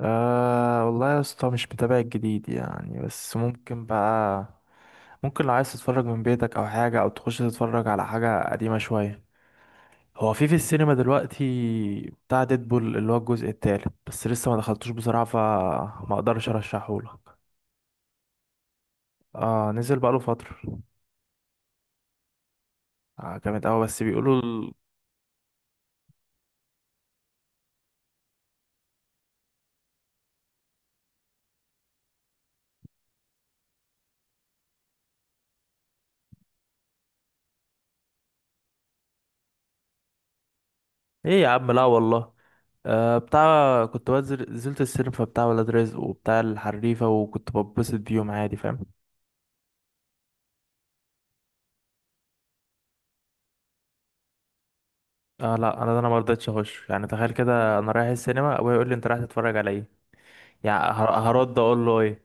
آه والله يا اسطى، مش متابع الجديد يعني. بس ممكن لو عايز تتفرج من بيتك او حاجة او تخش تتفرج على حاجة قديمة شوية. هو في السينما دلوقتي بتاع ديدبول اللي هو الجزء التالت، بس لسه ما دخلتوش بصراحة فما اقدرش ارشحهولك. اه نزل بقاله فترة. آه جامد اوي، بس بيقولوا ايه يا عم، لا والله. آه، بتاع كنت بنزل نزلت السينما بتاع ولاد رزق وبتاع الحريفة، وكنت ببسط بيهم عادي، فاهم. اه لا، انا انا ما رضيتش اخش يعني. تخيل كده، انا رايح السينما ابويا يقول لي انت رايح تتفرج على ايه؟ يعني هرد اقول له ايه؟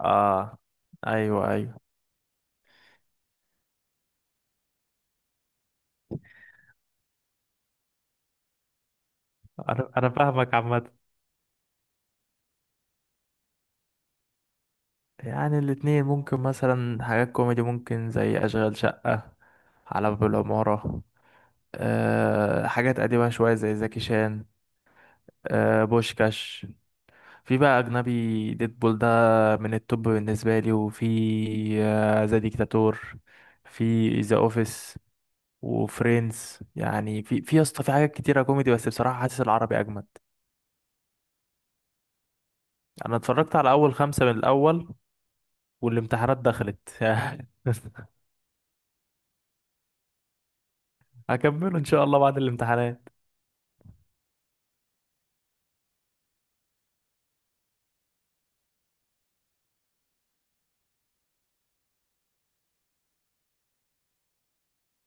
اه، ايوه ايوه. انا فاهمك عامه. يعني الاتنين ممكن، مثلا حاجات كوميدي ممكن زي اشغال شقه، على باب العماره. أه، حاجات قديمه شويه زي زكي شان، أه، بوشكاش. في بقى اجنبي، ديدبول ده من التوب بالنسبه لي، وفي ذا ديكتاتور، في ذا اوفيس، وفريندز. يعني في يا اسطى في حاجات كتيرة كوميدي، بس بصراحة حاسس العربي أجمد. أنا اتفرجت على أول خمسة من الأول والامتحانات دخلت. هكمله إن شاء الله بعد الامتحانات.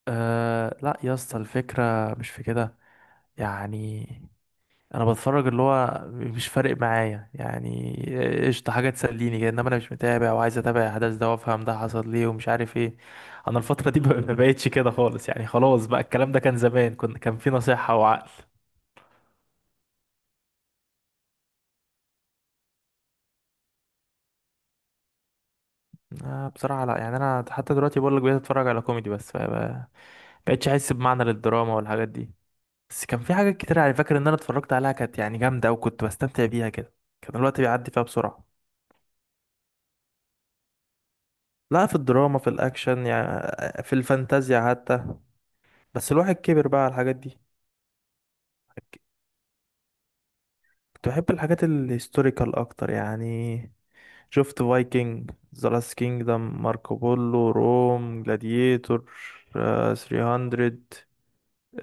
أه لا يا اسطى، الفكرة مش في كده يعني. أنا بتفرج اللي هو مش فارق معايا يعني، قشطة، حاجة تسليني كده. إنما أنا مش متابع وعايز أتابع أحداث ده وأفهم ده حصل ليه ومش عارف إيه. أنا الفترة دي ما بقتش كده خالص يعني. خلاص بقى الكلام ده كان زمان، كنا كان في نصيحة وعقل. آه، بصراحة لا يعني. انا حتى دلوقتي بقول لك، بقيت اتفرج على كوميدي بس، فما بقتش احس بمعنى للدراما والحاجات دي. بس كان في حاجات كتير على فاكر ان انا اتفرجت عليها كانت يعني جامدة، وكنت بستمتع بيها كده. كان الوقت بيعدي فيها بسرعة. لا، في الدراما، في الاكشن يعني، في الفانتازيا حتى، بس الواحد كبر بقى على الحاجات دي. كنت بحب الحاجات الهيستوريكال اكتر يعني. شفت فايكنج، ذا لاست كينجدم، ماركو بولو، روم، جلاديتور، 300،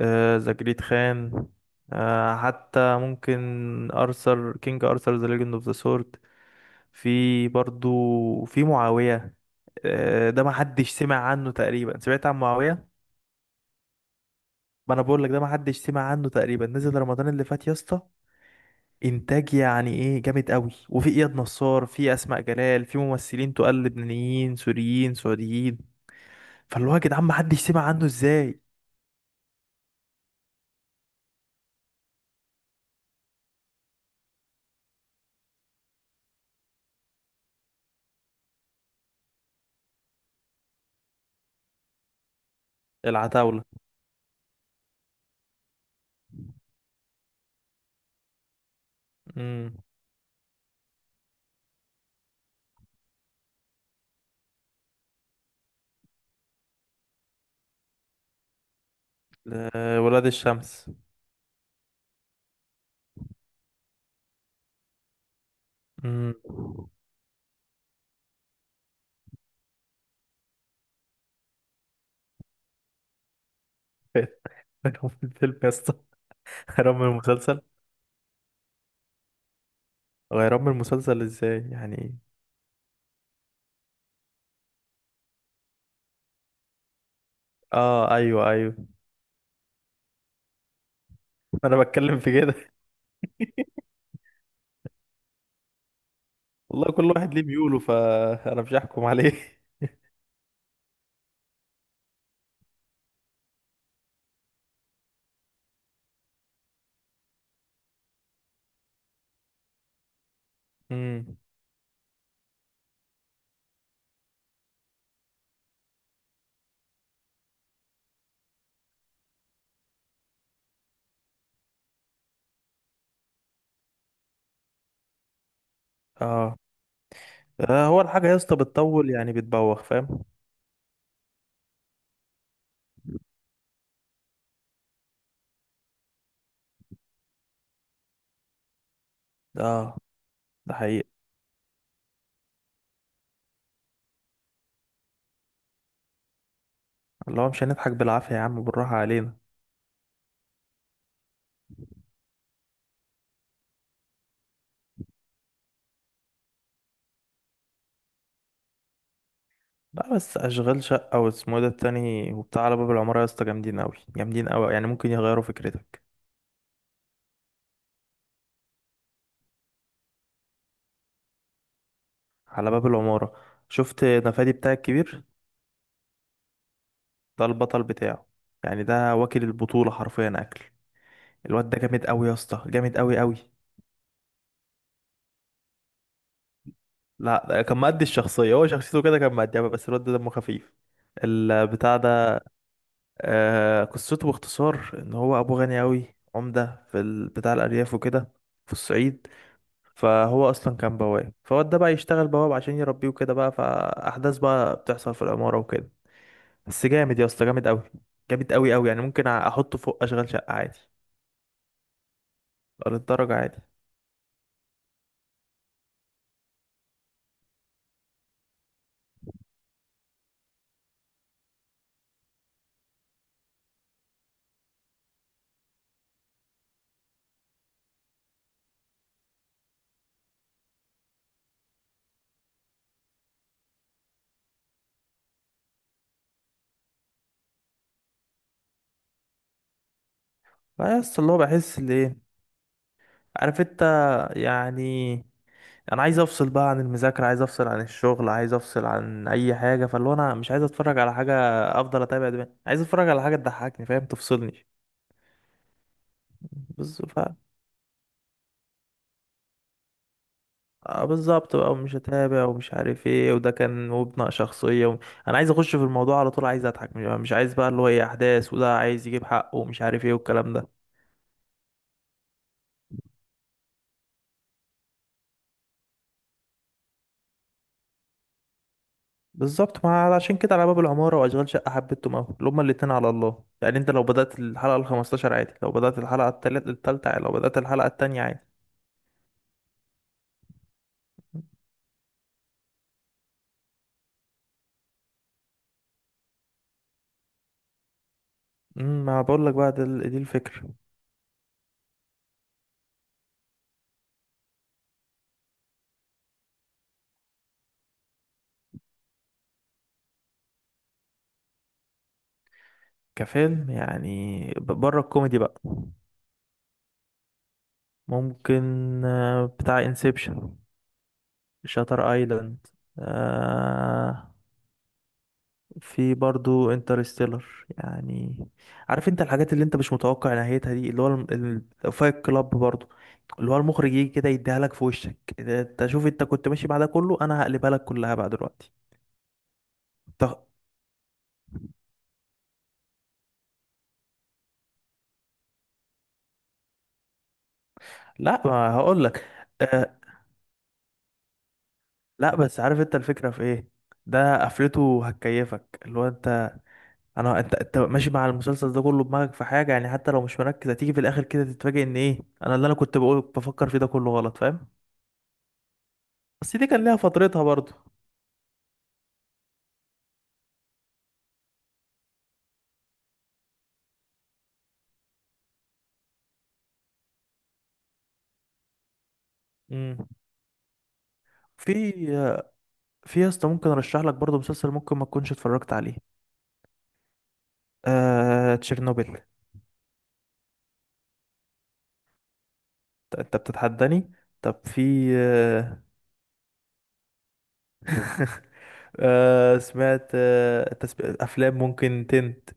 آه، ذا جريت خان، آه حتى ممكن ارثر، كينج ارثر، ذا ليجند اوف ذا سورد. في برضو في معاوية. آه، ده ما حدش سمع عنه تقريبا. سمعت عن معاوية؟ ما انا بقول لك ده ما حدش سمع عنه تقريبا. نزل رمضان اللي فات يا اسطى، انتاج يعني ايه، جامد قوي، وفي اياد نصار، في اسماء جلال، في ممثلين تقال لبنانيين سوريين سعوديين. فاللي هو يا جدعان ما حدش سمع عنه ازاي؟ العتاولة. امم. ولاد الشمس. امم. غيرهم من الفيلم. يا اسطى غيرهم من المسلسل. غيرهم من المسلسل ازاي يعني؟ اه، ايوه ايوه، انا بتكلم في كده. والله كل واحد ليه ميوله، فانا مش هحكم عليه. امم. اه. آه، هو الحاجه يا اسطى بتطول يعني، بتبوخ، فاهم. اه، ده حقيقي. اللي هو مش هنضحك بالعافيه يا عم، بالراحه علينا. لا، بس اشغال شقه، واسمه إيه ده التاني وبتاع، على باب العماره، يا اسطى جامدين قوي، جامدين قوي يعني، ممكن يغيروا فكرتك. على باب العماره، شفت نفادي بتاع الكبير؟ ده البطل بتاعه. يعني ده واكل البطولة حرفيا اكل. الواد ده جامد قوي يا اسطى، جامد قوي قوي. لا، ده كان مأدي الشخصية، هو شخصيته كده كان مأديها، بس الواد ده دمه خفيف البتاع ده. آه، قصته باختصار ان هو ابوه غني قوي، عمدة بتاع الارياف وكده، في الصعيد. فهو اصلا كان بواب، فالواد ده بقى يشتغل بواب عشان يربيه وكده بقى، فاحداث بقى بتحصل في العمارة وكده. بس جامد يا اسطى، جامد قوي، جامد قوي قوي، يعني ممكن احطه فوق اشغال شقة عادي. للدرجة عادي. لا يس. اللي هو بحس ليه، عارف انت، يعني انا عايز افصل بقى عن المذاكره، عايز افصل عن الشغل، عايز افصل عن اي حاجه. فاللي هو انا مش عايز اتفرج على حاجه افضل اتابع دماغي، عايز اتفرج على حاجه تضحكني، فاهم، تفصلني. بس ف آه، بالظبط بقى. ومش هتابع ومش عارف ايه، وده كان، وبناء شخصيه انا عايز اخش في الموضوع على طول، عايز اضحك، مش عايز بقى اللي هو ايه، احداث، وده عايز يجيب حقه ومش عارف ايه والكلام ده. بالظبط، ما عشان كده على باب العمارة وأشغال شقة حبيتهم أوي، اللي هما الاتنين على الله يعني. أنت لو بدأت الحلقة الخمستاشر عادي، لو بدأت الحلقة التالتة عادي، لو بدأت الحلقة التانية عادي. ما بقولك بقى، دي الفكرة. كفيلم يعني، بره الكوميدي بقى، ممكن بتاع انسبشن، شاتر ايلاند، في برضو انترستيلر يعني. عارف انت الحاجات اللي انت مش متوقع نهايتها دي، اللي هو فايت كلاب برضو، اللي هو المخرج يجي كده يديها لك في وشك. ده انت شوف، انت كنت ماشي مع ده كله، انا هقلبها لك كلها بقى دلوقتي. طب لا، ما هقول لك. آه، لا بس عارف انت الفكرة في ايه؟ ده قفلته هتكيفك، اللي هو انت انا انت انت ماشي مع المسلسل ده كله، دماغك في حاجة يعني، حتى لو مش مركز، هتيجي في الاخر كده تتفاجئ ان ايه، اللي انا كنت بقول بفكر فيه ده كله غلط، فاهم. بس دي كان ليها فترتها برضو. امم. في في يا اسطى، ممكن ارشح لك برضه مسلسل ممكن ما تكونش اتفرجت عليه، تشيرنوبل. انت بتتحداني؟ طب في آه... سمعت افلام ممكن تنت.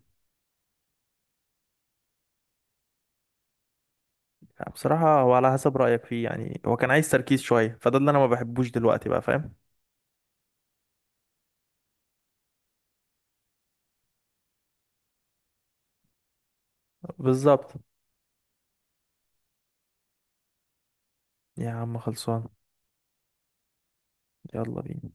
بصراحة هو على حسب رأيك فيه يعني. هو كان عايز تركيز شوية، فده اللي انا ما بحبوش دلوقتي بقى، فاهم. بالظبط، يا عم خلصان. يلا بينا.